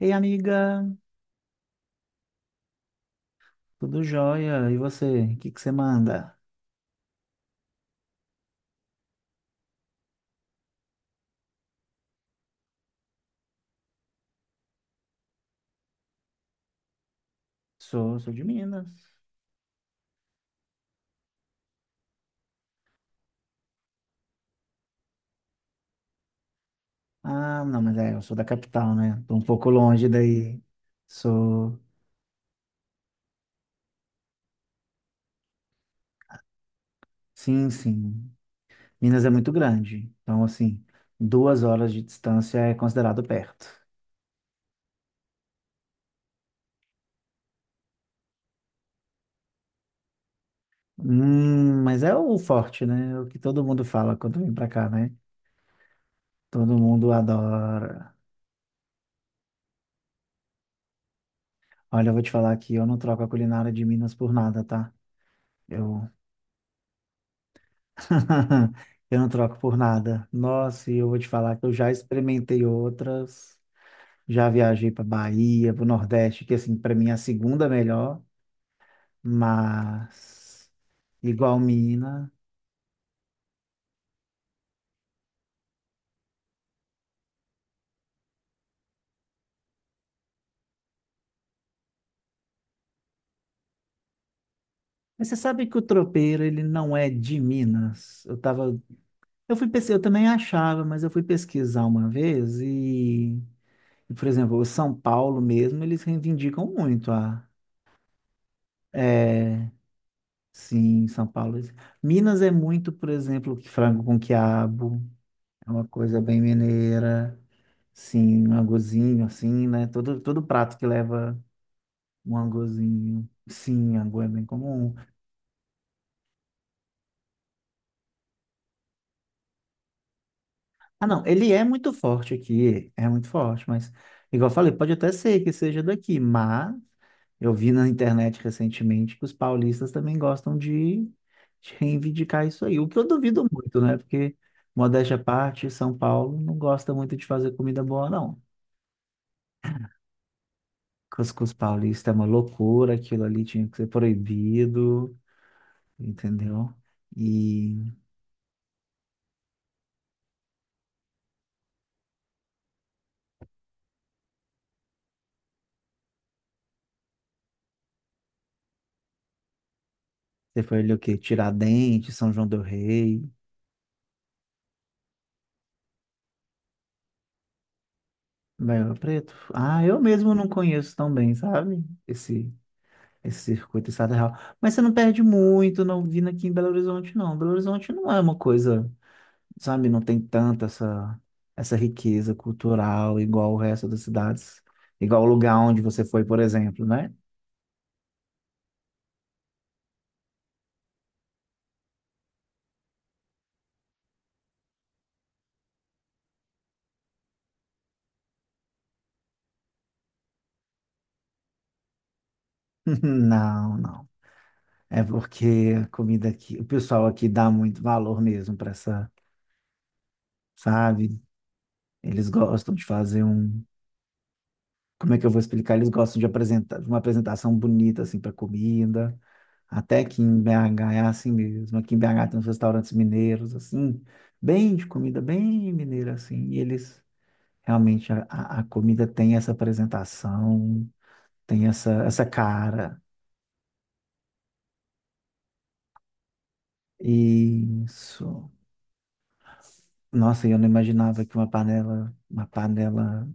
Ei, amiga, tudo jóia? E você? O que que você manda? Sou de Minas. Ah, não, mas é, eu sou da capital, né? Tô um pouco longe daí. Sou, sim, sim. Minas é muito grande, então assim, 2 horas de distância é considerado perto. Mas é o forte, né? É o que todo mundo fala quando vem pra cá, né? Todo mundo adora. Olha, eu vou te falar que eu não troco a culinária de Minas por nada, tá? Eu Eu não troco por nada. Nossa, e eu vou te falar que eu já experimentei outras. Já viajei para Bahia, para o Nordeste, que assim, para mim é a segunda melhor, mas igual Minas. Mas você sabe que o tropeiro, ele não é de Minas. Eu fui pesquisar, eu também achava, mas eu fui pesquisar uma vez e, por exemplo, o São Paulo mesmo, eles reivindicam muito a, eh, sim, São Paulo. Minas é muito, por exemplo, que frango com quiabo, é uma coisa bem mineira. Sim, um angozinho, assim, né? Todo prato que leva um angozinho. Sim, angu é bem comum. Ah, não, ele é muito forte aqui, é muito forte, mas, igual eu falei, pode até ser que seja daqui, mas eu vi na internet recentemente que os paulistas também gostam de reivindicar isso aí, o que eu duvido muito, né? Porque, modéstia à parte, São Paulo não gosta muito de fazer comida boa, não. Cuscuz paulista é uma loucura, aquilo ali tinha que ser proibido, entendeu? E você foi ali o quê? Tiradentes, São João do Rei. Belo Preto. Ah, eu mesmo não conheço tão bem, sabe? Esse circuito estadual. Mas você não perde muito não vindo aqui em Belo Horizonte, não. Belo Horizonte não é uma coisa, sabe? Não tem tanta essa riqueza cultural igual o resto das cidades. Igual o lugar onde você foi, por exemplo, né? Não, não. É porque a comida aqui, o pessoal aqui dá muito valor mesmo para essa, sabe? Eles gostam de fazer um, como é que eu vou explicar? Eles gostam de apresentar, de uma apresentação bonita assim para comida. Até que em BH é assim mesmo. Aqui em BH tem uns restaurantes mineiros assim, bem de comida bem mineira assim. E eles realmente a comida tem essa apresentação, tem essa cara. Isso. Nossa, eu não imaginava que uma panela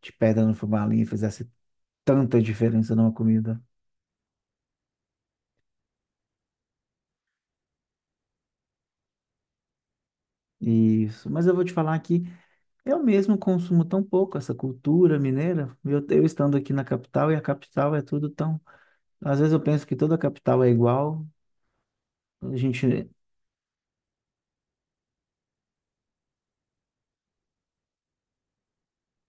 de pedra no fubá ali fizesse tanta diferença numa comida. Isso. Mas eu vou te falar que eu mesmo consumo tão pouco essa cultura mineira. Eu estando aqui na capital e a capital é tudo tão. Às vezes eu penso que toda a capital é igual. A gente,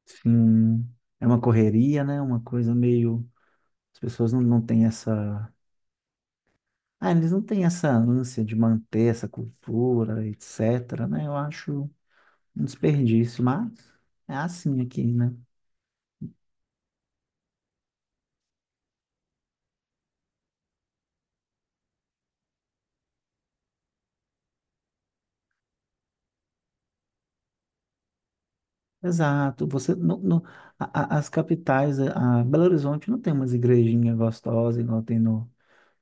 sim, é uma correria, né? Uma coisa meio. As pessoas não têm essa. Ah, eles não têm essa ânsia de manter essa cultura, etc, né? Eu acho um desperdício, mas é assim aqui, né? Exato. Você as capitais, a Belo Horizonte não tem umas igrejinhas gostosas igual tem no,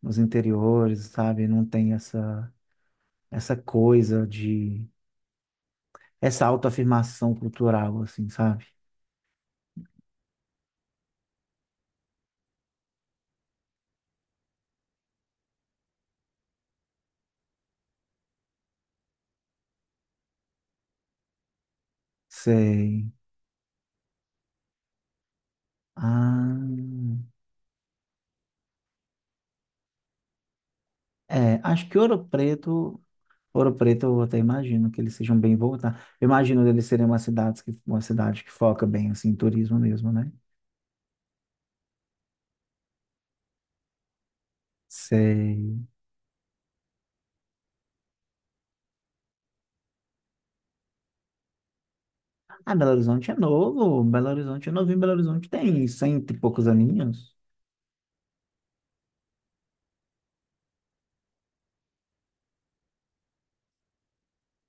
nos interiores, sabe? Não tem essa coisa de essa autoafirmação cultural assim, sabe? Sei. Ah, é, acho que Ouro Preto eu até imagino que eles sejam bem voltados. Eu imagino eles serem uma cidade que foca bem assim em turismo mesmo, né? Sei. Ah, Belo Horizonte é novo. Belo Horizonte é novo. Em Belo Horizonte tem cento e poucos aninhos.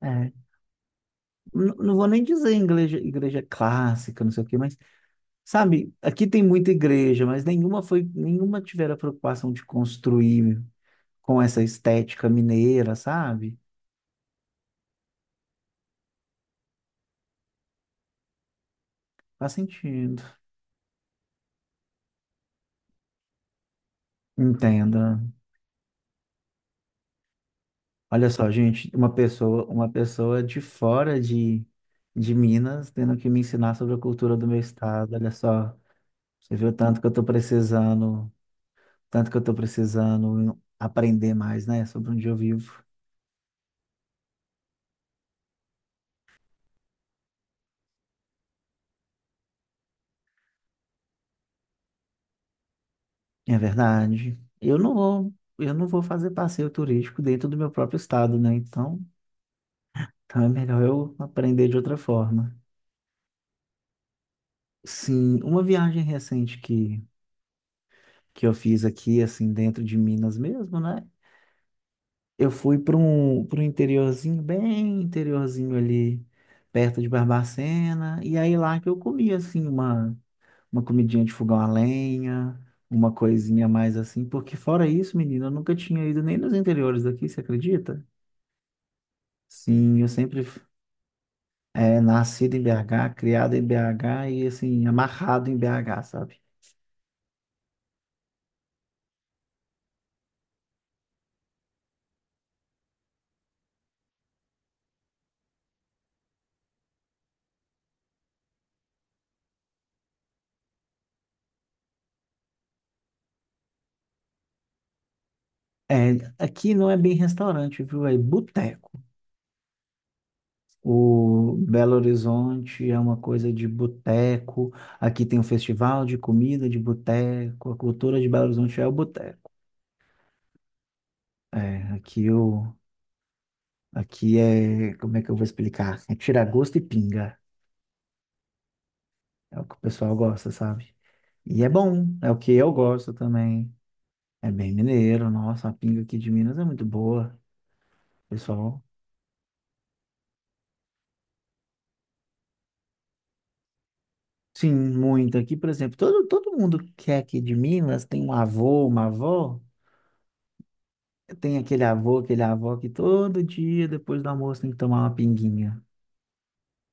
É. Não vou nem dizer igreja, igreja clássica, não sei o quê, mas, sabe, aqui tem muita igreja, mas nenhuma tiveram a preocupação de construir com essa estética mineira, sabe? Faz sentido. Entenda. Olha só, gente, uma pessoa de fora de Minas tendo que me ensinar sobre a cultura do meu estado. Olha só, você viu o tanto que eu tô precisando tanto que eu tô precisando aprender mais, né, sobre onde eu vivo. É verdade. Eu não vou fazer passeio turístico dentro do meu próprio estado, né? Então é melhor eu aprender de outra forma. Sim, uma viagem recente que eu fiz aqui, assim, dentro de Minas mesmo, né? Eu fui para um interiorzinho, bem interiorzinho ali, perto de Barbacena, e aí lá que eu comi, assim, uma comidinha de fogão a lenha, uma coisinha a mais assim, porque fora isso, menina, eu nunca tinha ido nem nos interiores daqui, você acredita? Sim, eu sempre é nascido em BH, criado em BH e assim, amarrado em BH, sabe? É, aqui não é bem restaurante, viu? É boteco. O Belo Horizonte é uma coisa de boteco. Aqui tem um festival de comida de boteco. A cultura de Belo Horizonte é o boteco. É, aqui é, como é que eu vou explicar? É tira gosto e pinga. É o que o pessoal gosta, sabe? E é bom, é o que eu gosto também. É bem mineiro, nossa, a pinga aqui de Minas é muito boa, pessoal. Sim, muito. Aqui, por exemplo, todo mundo que é aqui de Minas tem um avô, uma avó. Tem aquele avô, aquele avó que todo dia, depois do almoço, tem que tomar uma pinguinha.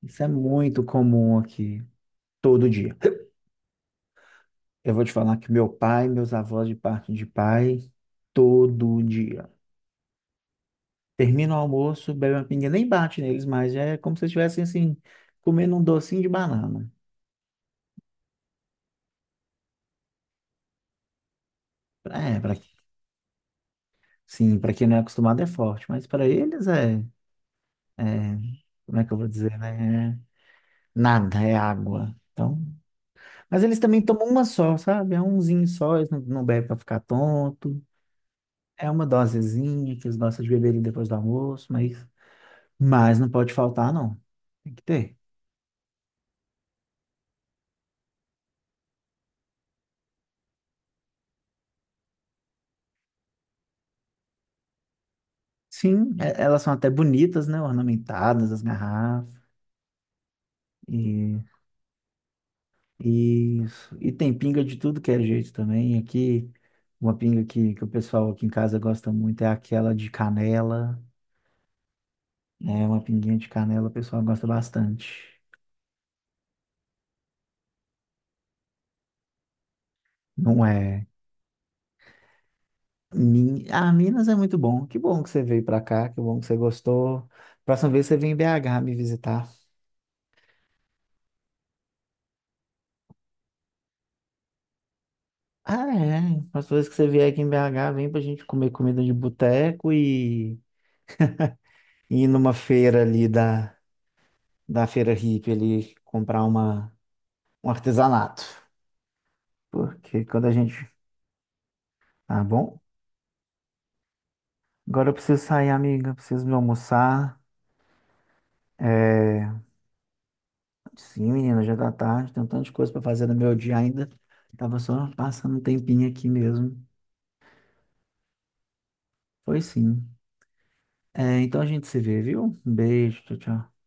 Isso é muito comum aqui, todo dia. Eu vou te falar que meu pai, meus avós de parte de pai, todo dia. Termina o almoço, bebe uma pinga, nem bate neles mais, já é como se estivessem assim, comendo um docinho de banana. É, pra, sim, para quem não é acostumado é forte, mas para eles é, como é que eu vou dizer, né? É nada, é água. Então, mas eles também tomam uma só, sabe? É umzinho só, eles não bebem para ficar tonto. É uma dosezinha que eles gostam de beberem depois do almoço, mas não pode faltar, não. Tem que ter. Sim, elas são até bonitas, né? Ornamentadas, as garrafas. E Isso. E tem pinga de tudo que é jeito também. Aqui, uma pinga que o pessoal aqui em casa gosta muito é aquela de canela, né? Uma pinguinha de canela o pessoal gosta bastante. Não é? Ah, Minas é muito bom. Que bom que você veio pra cá, que bom que você gostou. Próxima vez você vem em BH me visitar. Ah, é. Próxima vez que você vier aqui em BH, vem pra gente comer comida de boteco e ir numa feira ali da feira hippie ali comprar um artesanato. Porque quando a gente. Tá bom? Agora eu preciso sair, amiga. Preciso me almoçar. É... Sim, menina, já tá tarde. Tem um tanto de coisa pra fazer no meu dia ainda. Tava só passando um tempinho aqui mesmo. Foi sim. É, então a gente se vê, viu? Um beijo, tchau, tchau.